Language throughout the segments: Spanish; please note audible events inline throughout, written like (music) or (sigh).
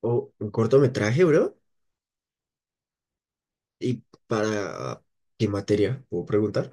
Oh, un cortometraje, bro. ¿Y para qué materia? ¿Puedo preguntar?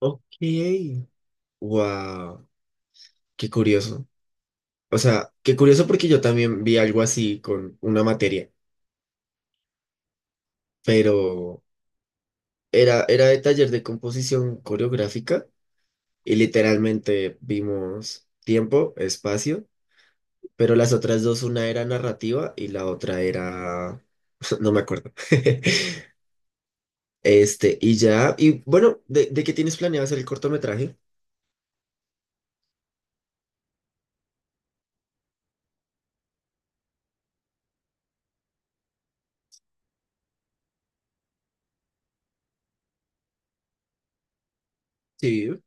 Ok. Wow. Qué curioso. O sea, qué curioso porque yo también vi algo así con una materia, pero era de taller de composición coreográfica y literalmente vimos tiempo, espacio, pero las otras dos, una era narrativa y la otra era... (laughs) No me acuerdo. (laughs) Y ya, y bueno, ¿de qué tienes planeado hacer el cortometraje? Sí.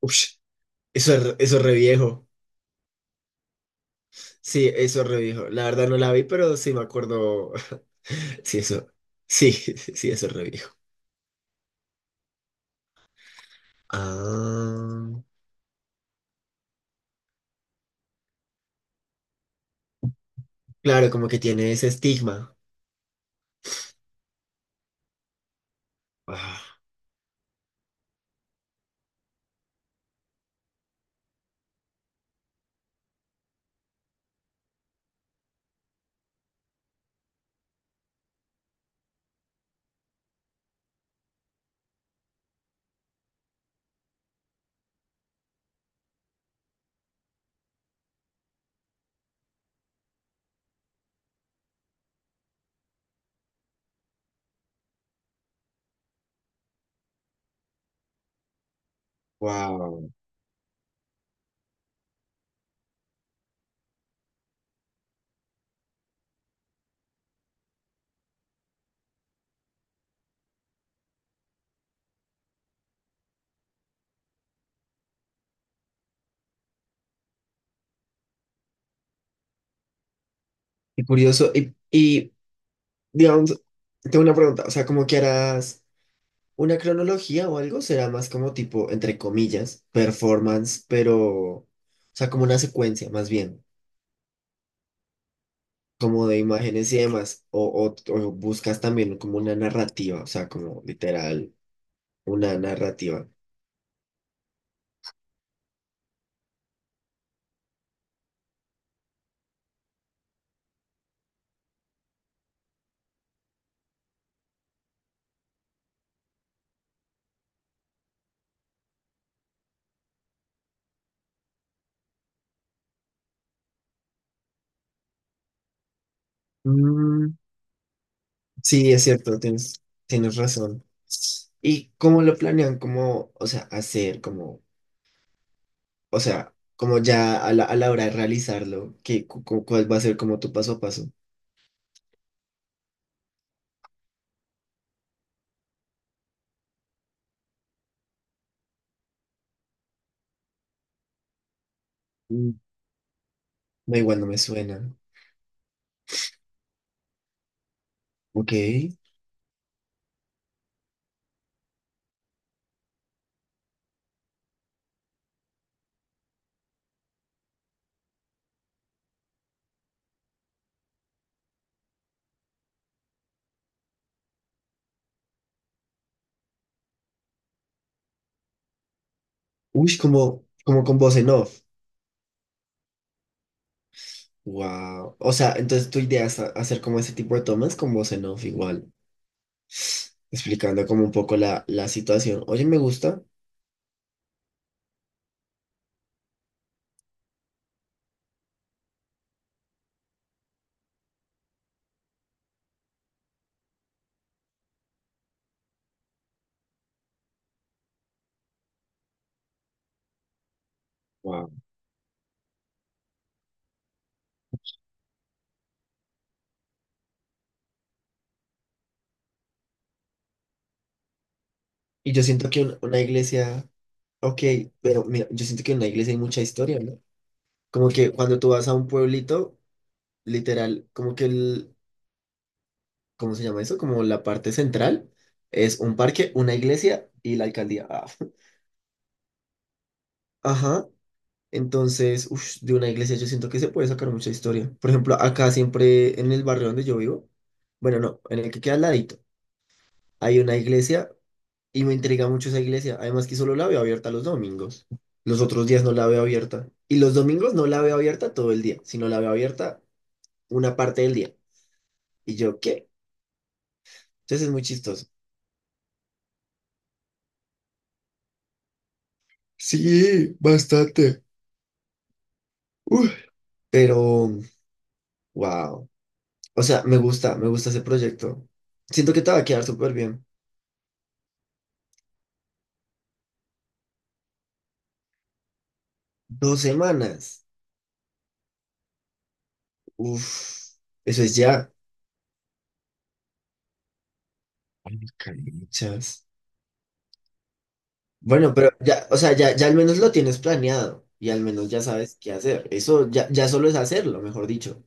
Ush, eso es re viejo. Sí, eso es re viejo. La verdad no la vi, pero sí me acuerdo. (laughs) Sí, eso. Sí, (laughs) sí, eso es re viejo. Ah, claro, como que tiene ese estigma. Ah, wow. Y curioso. Y, digamos, tengo una pregunta. O sea, como que harás una cronología o algo, será más como tipo, entre comillas, performance, pero. O sea, como una secuencia, más bien. Como de imágenes y demás, o buscas también como una narrativa, o sea, como literal, una narrativa. Mm, sí, es cierto, tienes razón. ¿Y cómo lo planean? ¿Cómo, o sea, hacer, como, o sea, como ya a la hora de realizarlo, ¿qué, cuál va a ser como tu paso a paso? Mm. No, igual no me suena. Ok. Uy, como, como con voz en off. Wow. O sea, entonces tu idea es hacer como ese tipo de tomas con voz en off igual. Explicando como un poco la situación. Oye, me gusta. Wow. Y yo siento que una iglesia, ok, pero mira, yo siento que en una iglesia hay mucha historia, ¿no? Como que cuando tú vas a un pueblito, literal, como que el, ¿cómo se llama eso? Como la parte central es un parque, una iglesia y la alcaldía. Ah, (laughs) Ajá. Entonces, ush, de una iglesia yo siento que se puede sacar mucha historia. Por ejemplo, acá siempre en el barrio donde yo vivo, bueno, no, en el que queda al ladito, hay una iglesia. Y me intriga mucho esa iglesia. Además que solo la veo abierta los domingos. Los otros días no la veo abierta. Y los domingos no la veo abierta todo el día, sino la veo abierta una parte del día. Y yo, ¿qué? Entonces es muy chistoso. Sí, bastante. Uf. Pero, wow. O sea, me gusta ese proyecto. Siento que te va a quedar súper bien. Dos semanas. Uf, eso es ya. Ay, cariño. Bueno, pero ya, o sea, ya, ya al menos lo tienes planeado y al menos ya sabes qué hacer. Eso ya, ya solo es hacerlo, mejor dicho.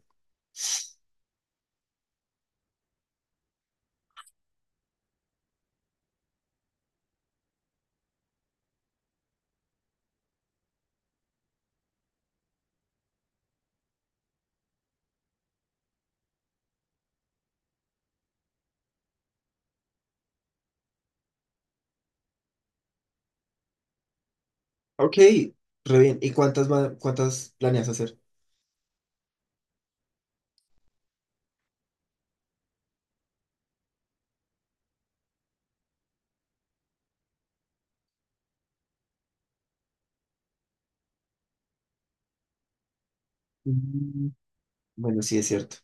Ok, re bien. ¿Y cuántas, cuántas planeas hacer? Mm. Bueno, sí es cierto.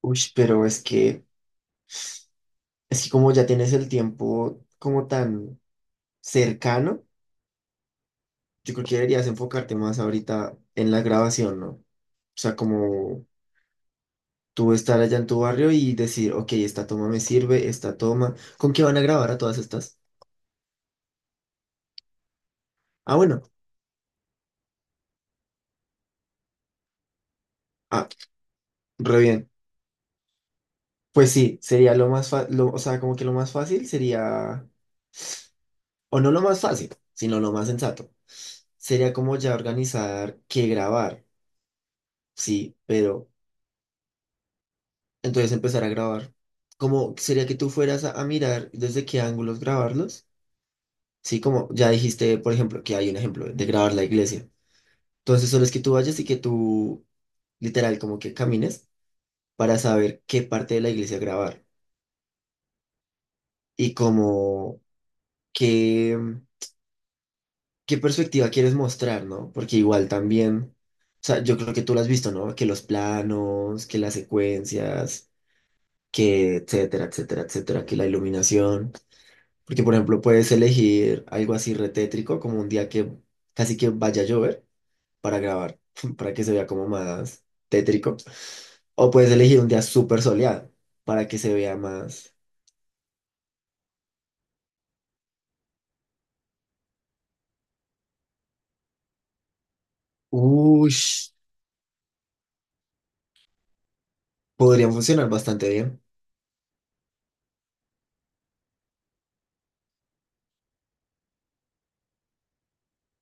Uy, pero es es que como ya tienes el tiempo como tan cercano, yo creo que deberías enfocarte más ahorita en la grabación, ¿no? O sea, como tú estar allá en tu barrio y decir, ok, esta toma me sirve, esta toma. ¿Con qué van a grabar a todas estas? Ah, bueno. Ah, re bien. Pues sí, sería lo más o sea, como que lo más fácil sería, o no lo más fácil, sino lo más sensato. Sería como ya organizar qué grabar, sí, pero entonces empezar a grabar. Como sería que tú fueras a mirar desde qué ángulos grabarlos, sí, como ya dijiste, por ejemplo, que hay un ejemplo de grabar la iglesia. Entonces solo es que tú vayas y que tú, literal, como que camines para saber qué parte de la iglesia grabar y como que... qué perspectiva quieres mostrar, ¿no? Porque igual también, o sea, yo creo que tú lo has visto, ¿no? Que los planos, que las secuencias, que etcétera, etcétera, etcétera, que la iluminación. Porque, por ejemplo, puedes elegir algo así retétrico, como un día que casi que vaya a llover para grabar, (laughs) para que se vea como más tétrico. O puedes elegir un día súper soleado para que se vea más. Uy, podrían funcionar bastante bien.